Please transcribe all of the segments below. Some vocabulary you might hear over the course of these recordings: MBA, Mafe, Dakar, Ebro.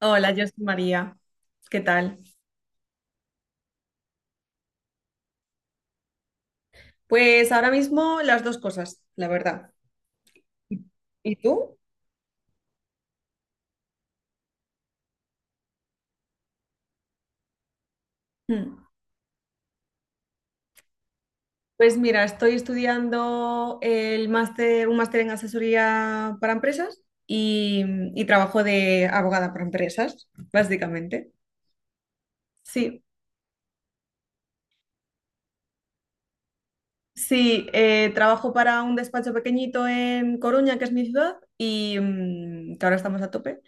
Hola, yo soy María. ¿Qué tal? Pues ahora mismo las dos cosas, la verdad. ¿Y tú? Mm. Pues mira, estoy estudiando el máster, un máster en asesoría para empresas y, y trabajo de abogada para empresas, básicamente. Sí, sí, trabajo para un despacho pequeñito en Coruña, que es mi ciudad, y que ahora estamos a tope.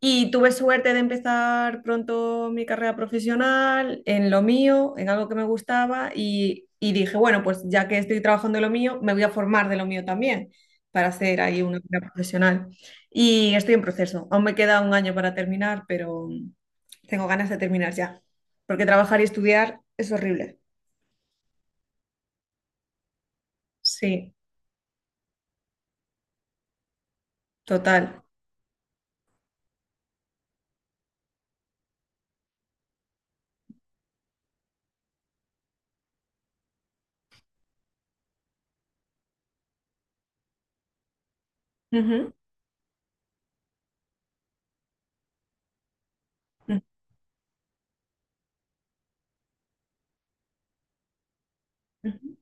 Y tuve suerte de empezar pronto mi carrera profesional en lo mío, en algo que me gustaba y dije, bueno, pues ya que estoy trabajando en lo mío, me voy a formar de lo mío también para hacer ahí una carrera profesional. Y estoy en proceso. Aún me queda un año para terminar, pero tengo ganas de terminar ya, porque trabajar y estudiar es horrible. Sí, total. Ujú, ujú, ujú.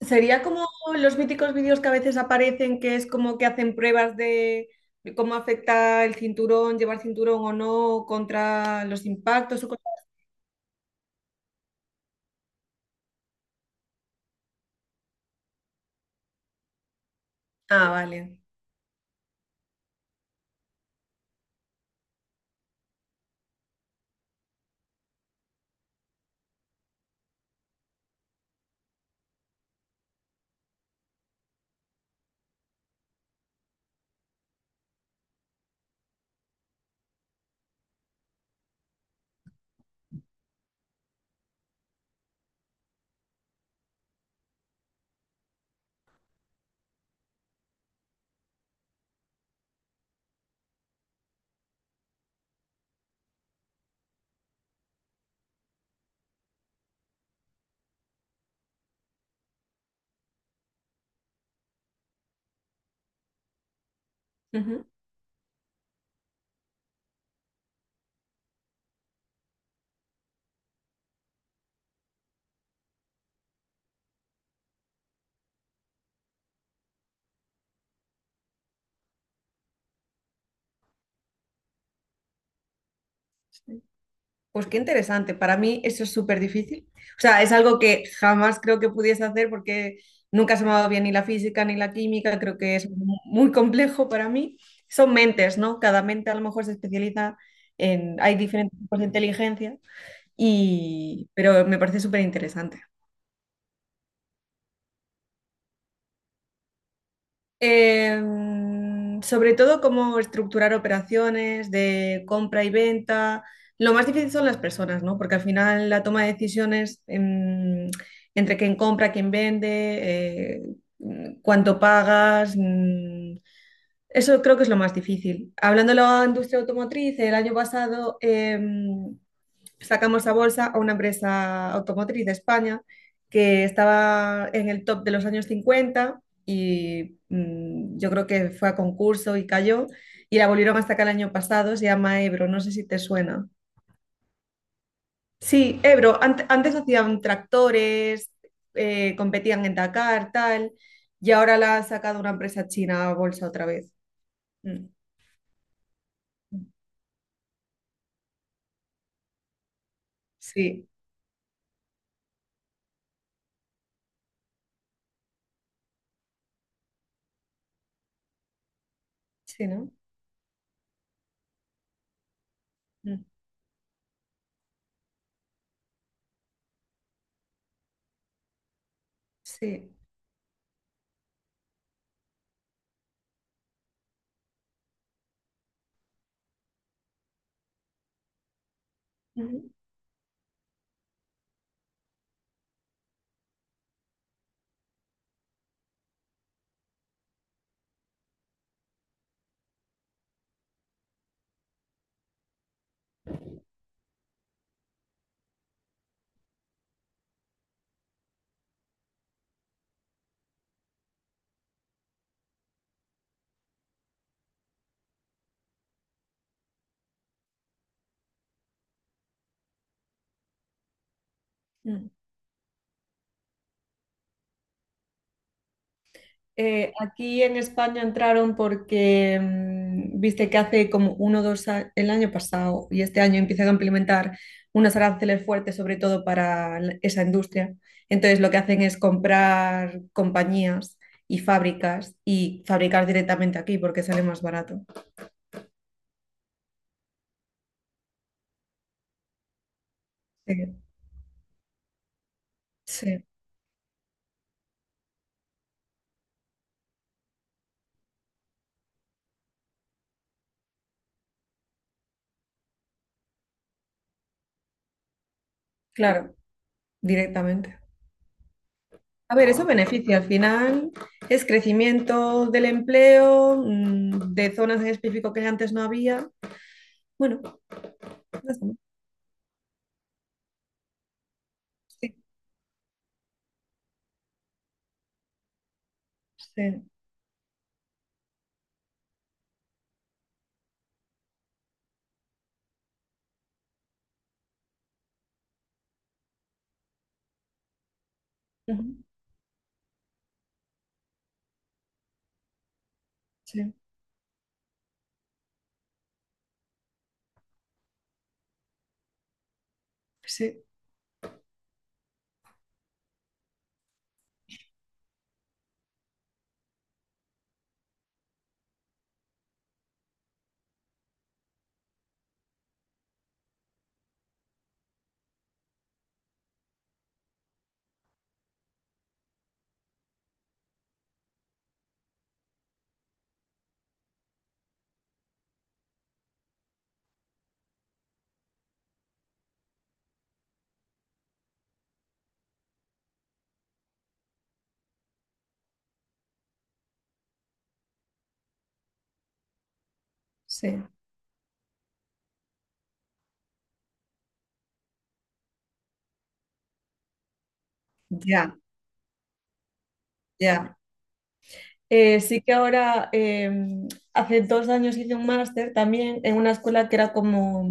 Sería como los míticos vídeos que a veces aparecen, que es como que hacen pruebas de cómo afecta el cinturón, llevar cinturón o no, contra los impactos o cosas. Ah, vale. Ujú. Pues qué interesante. Para mí eso es súper difícil. O sea, es algo que jamás creo que pudiese hacer porque nunca se me ha dado bien ni la física ni la química. Creo que es muy complejo para mí. Son mentes, ¿no? Cada mente a lo mejor se especializa en... Hay diferentes tipos de inteligencia. Y, pero me parece súper interesante. Sobre todo cómo estructurar operaciones de compra y venta. Lo más difícil son las personas, ¿no? Porque al final la toma de decisiones, entre quién compra, quién vende, eh, cuánto pagas, eso creo que es lo más difícil. Hablando de la industria automotriz, el año pasado sacamos a bolsa a una empresa automotriz de España que estaba en el top de los años 50 y yo creo que fue a concurso y cayó y la volvieron hasta acá el año pasado, se llama Ebro, no sé si te suena. Sí, Ebro, antes hacían tractores, competían en Dakar, tal, y ahora la ha sacado una empresa china a bolsa otra vez. Mm. Sí, sí, ¿no? Mm. Sí. Ujú. Mm. Aquí en España entraron porque, viste que hace como uno o dos años, el año pasado y este año empiezan a implementar unos aranceles fuertes, sobre todo para esa industria. Entonces lo que hacen es comprar compañías y fábricas y fabricar directamente aquí porque sale más barato. Sí, sí, claro, directamente. A ver, eso beneficia al final, es crecimiento del empleo, de zonas en específico que antes no había. Bueno, ya está, ¿no? Sí. Sí, ujú, sí, sí, sí, ya, ya. Sí que ahora, hace dos años hice un máster también en una escuela que era como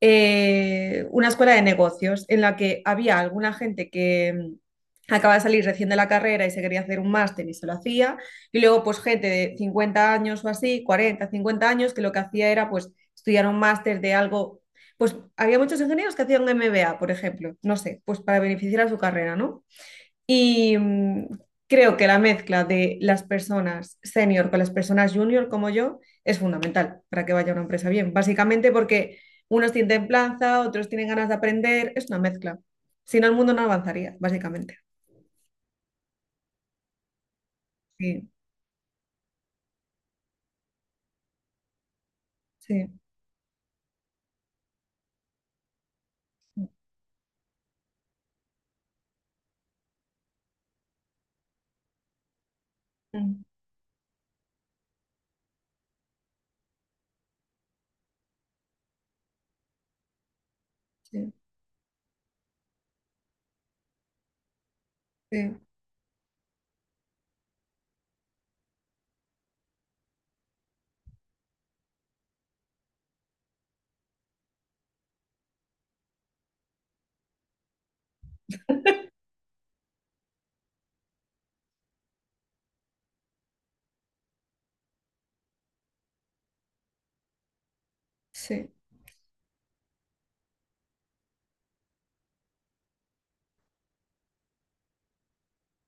una escuela de negocios en la que había alguna gente que acaba de salir recién de la carrera y se quería hacer un máster y se lo hacía, y luego pues gente de 50 años o así, 40 50 años, que lo que hacía era pues estudiar un máster de algo, pues había muchos ingenieros que hacían un MBA, por ejemplo, no sé, pues para beneficiar a su carrera, ¿no? Y creo que la mezcla de las personas senior con las personas junior como yo es fundamental para que vaya una empresa bien. Básicamente porque unos tienen templanza, otros tienen ganas de aprender, es una mezcla. Si no, el mundo no avanzaría, básicamente. Sí, sí, mm, sí, sí, sí,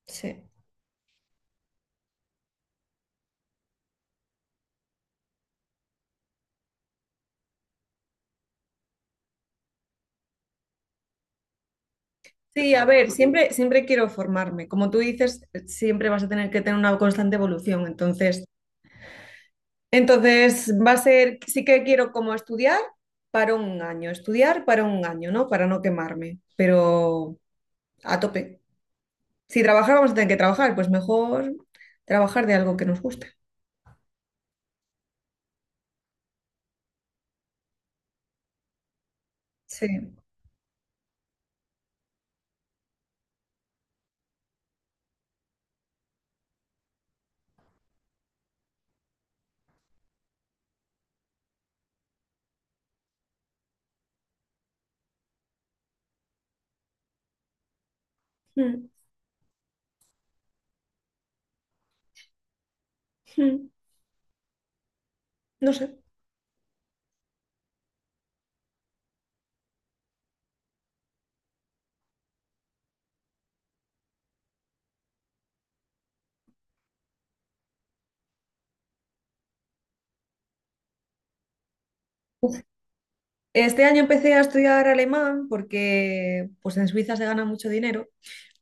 sí. Sí, a ver, siempre, siempre quiero formarme. Como tú dices, siempre vas a tener que tener una constante evolución. Entonces, entonces va a ser, sí que quiero como estudiar para un año, estudiar para un año, ¿no? Para no quemarme, pero a tope. Si trabajar vamos a tener que trabajar, pues mejor trabajar de algo que nos guste. Sí. Mm, mm, no sé. Este año empecé a estudiar alemán porque pues en Suiza se gana mucho dinero,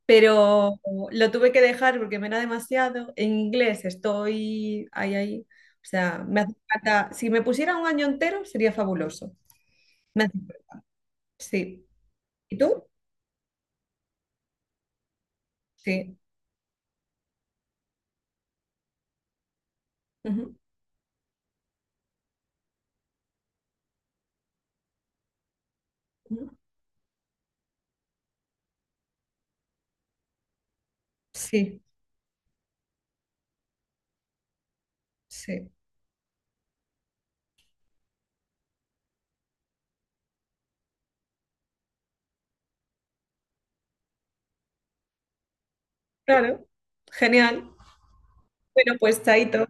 pero lo tuve que dejar porque me era demasiado. En inglés estoy ahí, ahí. O sea, me hace falta, si me pusiera un año entero sería fabuloso. Me hace- Sí. ¿Y tú? Sí. Ujú, ujú. Sí, sí. Claro. Genial. Bueno, pues chaito.